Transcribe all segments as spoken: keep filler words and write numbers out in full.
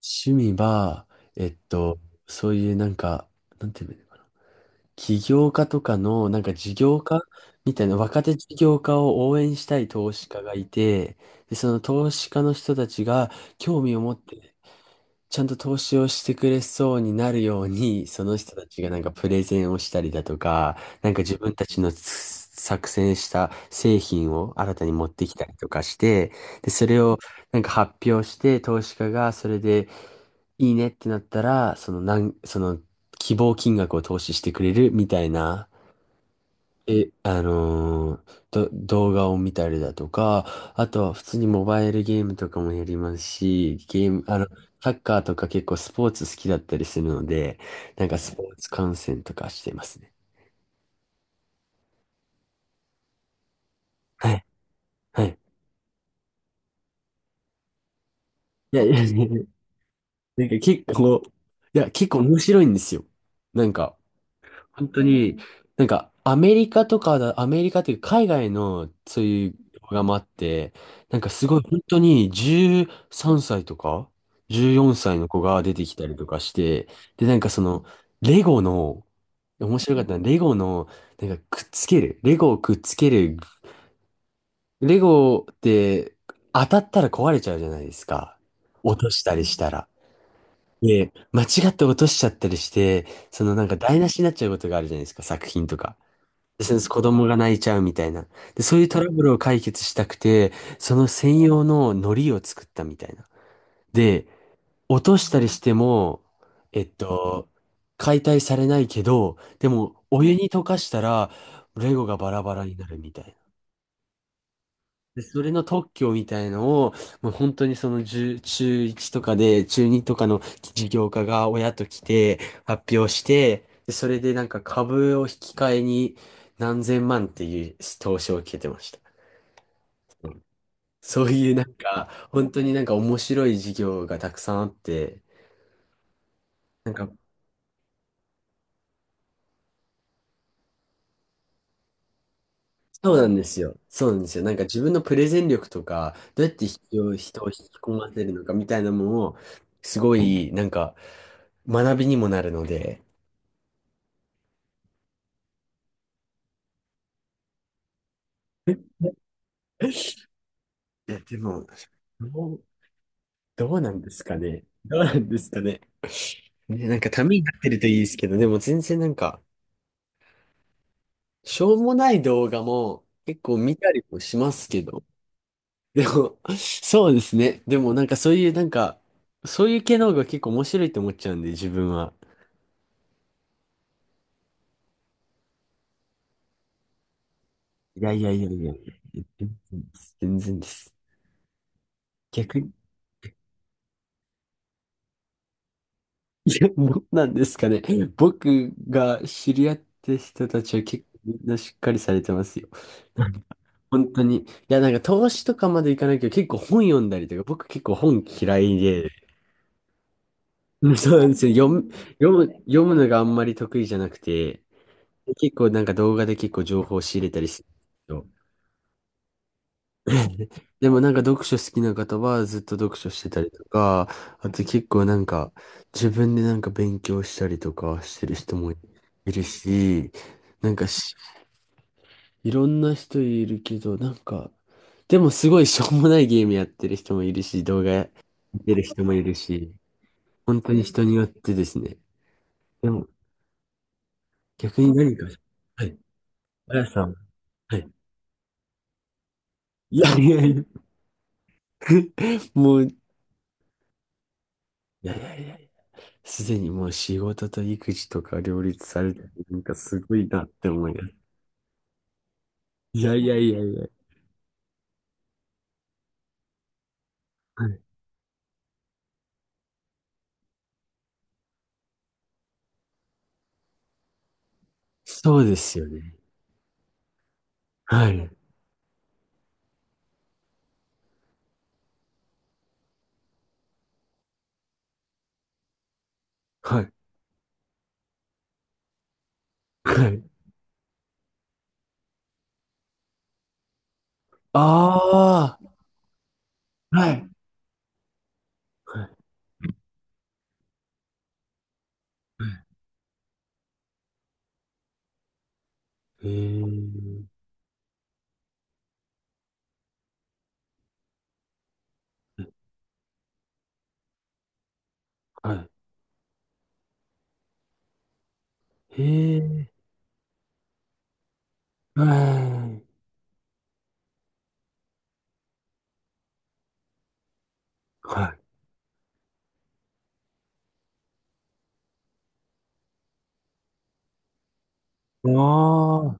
趣味は、えっと、そういうなんか、なんていうのかな、起業家とかの、なんか事業家みたいな、若手事業家を応援したい投資家がいて、で、その投資家の人たちが興味を持ってちゃんと投資をしてくれそうになるように、その人たちがなんかプレゼンをしたりだとか、なんか自分たちのつ作成した製品を新たに持ってきたりとかして、で、それをなんか発表して、投資家がそれでいいねってなったら、そのなん、その希望金額を投資してくれるみたいな、え、あのーど、動画を見たりだとか、あとは普通にモバイルゲームとかもやりますし、ゲーム、あの、サッカーとか結構スポーツ好きだったりするので、なんかスポーツ観戦とかしてますね。はい、はい。いやいやいや、なんか結構、いや、結構面白いんですよ。なんか、本当に、なんか、アメリカとかだ、アメリカというか海外のそういう動画もあって、なんかすごい本当にじゅうさんさいとかじゅうよんさいの子が出てきたりとかして、で、なんかその、レゴの、面白かったのはレゴの、なんかくっつける、レゴをくっつける、レゴって当たったら壊れちゃうじゃないですか。落としたりしたら。で、間違って落としちゃったりして、そのなんか台無しになっちゃうことがあるじゃないですか、作品とか。そうです。子供が泣いちゃうみたいな。で、そういうトラブルを解決したくて、その専用の糊を作ったみたいな。で、落としたりしても、えっと、解体されないけど、でもお湯に溶かしたら、レゴがバラバラになるみたいな。で、それの特許みたいのを、もう本当にその中いちとかで、中にとかの事業家が親と来て発表して、で、それでなんか株を引き換えに何千万っていう投資を受けてました。うんそういうなんか、本当になんか面白い事業がたくさんあって、なんか、そうなんですよ。そうなんですよ。なんか自分のプレゼン力とか、どうやって人を人を引き込ませるのかみたいなのも、すごいなんか学びにもなるので、いや、でも、どう、どうなんですかね。どうなんですかね。ね、なんかためになってるといいですけど、でも全然なんか、しょうもない動画も結構見たりもしますけど。でも、そうですね。でもなんかそういうなんか、そういう系の方が結構面白いと思っちゃうんで、自分は。いやいやいやいや、全然です。全然です。逆に、いや、もうなんですかね。僕が知り合った人たちは結構みんなしっかりされてますよ。本当に。いや、なんか投資とかまでいかないけど、結構本読んだりとか、僕結構本嫌いで、うんそうなんですよ。読む、読む、読むのがあんまり得意じゃなくて、結構なんか動画で結構情報を仕入れたりするんですけど。でもなんか読書好きな方はずっと読書してたりとか、あと結構なんか自分でなんか勉強したりとかしてる人もいるし、なんかいろんな人いるけど、なんか、でもすごいしょうもないゲームやってる人もいるし、動画見てる人もいるし、本当に人によってですね。でも、逆に何か、はい、あやさん、はい。いやいやいや、もう、いやいやいやいや、すでにもう仕事と育児とか両立されて、なんかすごいなって思います。いやいやいやいや、はい。そうですよね。はい、はい、はい。ああ、はい、はい、はい。へえー。はい。へえ、はい。はい。ああ、は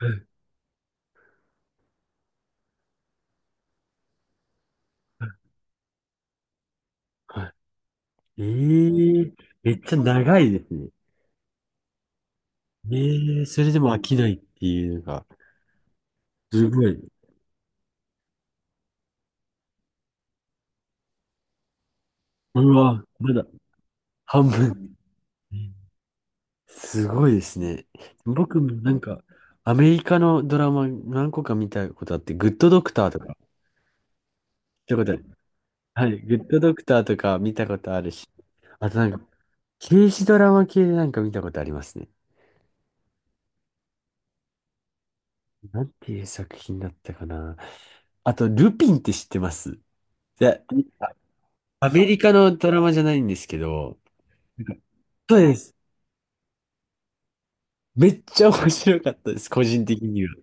いはい。ええ、めっちゃ長いですね。ええ、それでも飽きないっていうのが、すごい。うわ、まだ半分。すごいですね。僕もなんか、アメリカのドラマ何個か見たことあって、グッドドクターとか、見たことある。はい、グッドドクターとか見たことあるし、あとなんか、刑事ドラマ系でなんか見たことありますね。なんていう作品だったかな。あと、ルピンって知ってますいや、あアメリカのドラマじゃないんですけど、なんかそうです。めっちゃ面白かったです、個人的には。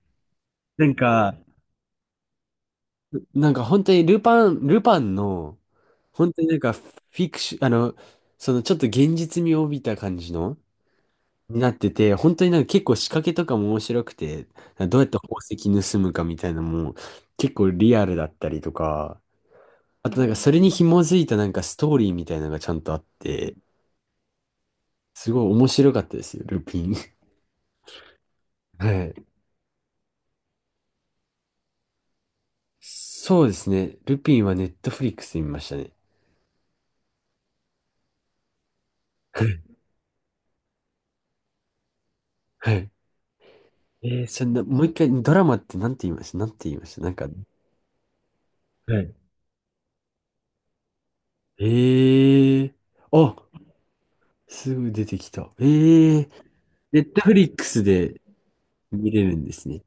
なんか、なんか本当にルパン、ルパンの、本当になんかフィクション、あの、そのちょっと現実味を帯びた感じの、になってて、本当になんか結構仕掛けとかも面白くて、どうやって宝石盗むかみたいなのも結構リアルだったりとか、あと、なんかそれに紐づいたなんかストーリーみたいなのがちゃんとあって、すごい面白かったですよ、ルピン。はい。そうですね。ルピンはネットフリックスで見ましたね。はいはい。えー、そんな、もう一回、ドラマってなんて言いましたなんて言いましたなんか、はい。えーあ、すぐ出てきた。えーネットフリックスで見れるんですね。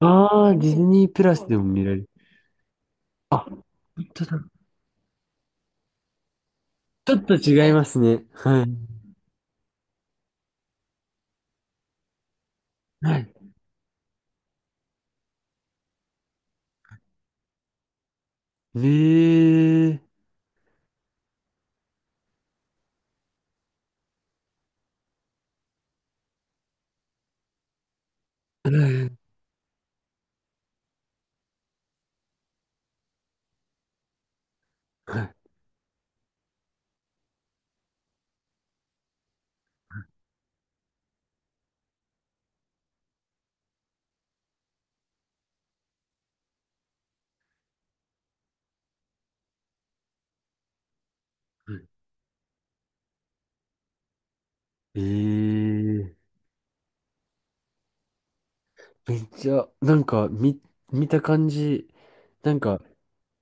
あーディズニープラスでも見られる。あ、本当だ。ちょっと違いますね。はい。はい。ええええはい。ええめっちゃ、なんか、み、見た感じ、なんか、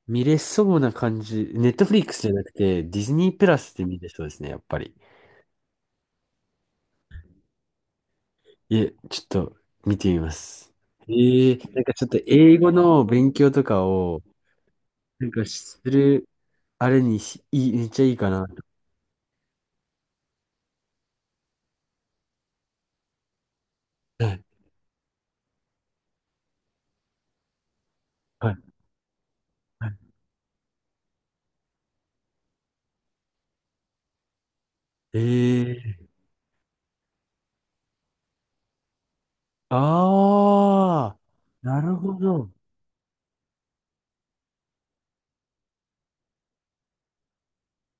見れそうな感じ。ネットフリックスじゃなくて、ディズニープラスで見れそうですね、やっぱり。いえ、ちょっと、見てみます。ええなんかちょっと英語の勉強とかを、なんかする、あれにし、いい、めっちゃいいかな。はい、はい、はい。ええああー、なるほど。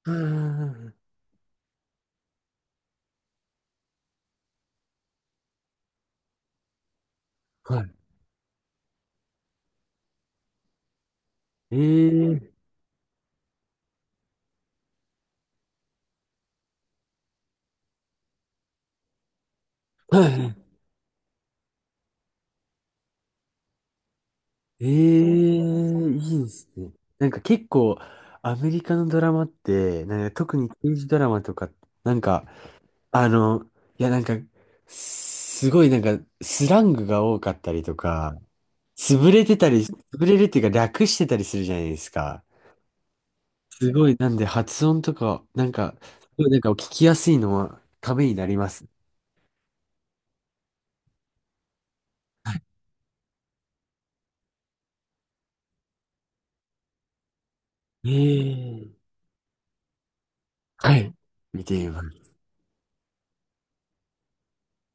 うんうんうんはい。ええはいはい。ええいいですね。なんか結構、アメリカのドラマって、なんか特に刑事ドラマとか、なんか、あの、いやなんか、すごいなんか、スラングが多かったりとか、潰れてたり、潰れるっていうか略してたりするじゃないですか。すごい、なんで発音とか、なんか、すごいなんか聞きやすいのはためになります。ええはい。見てみます。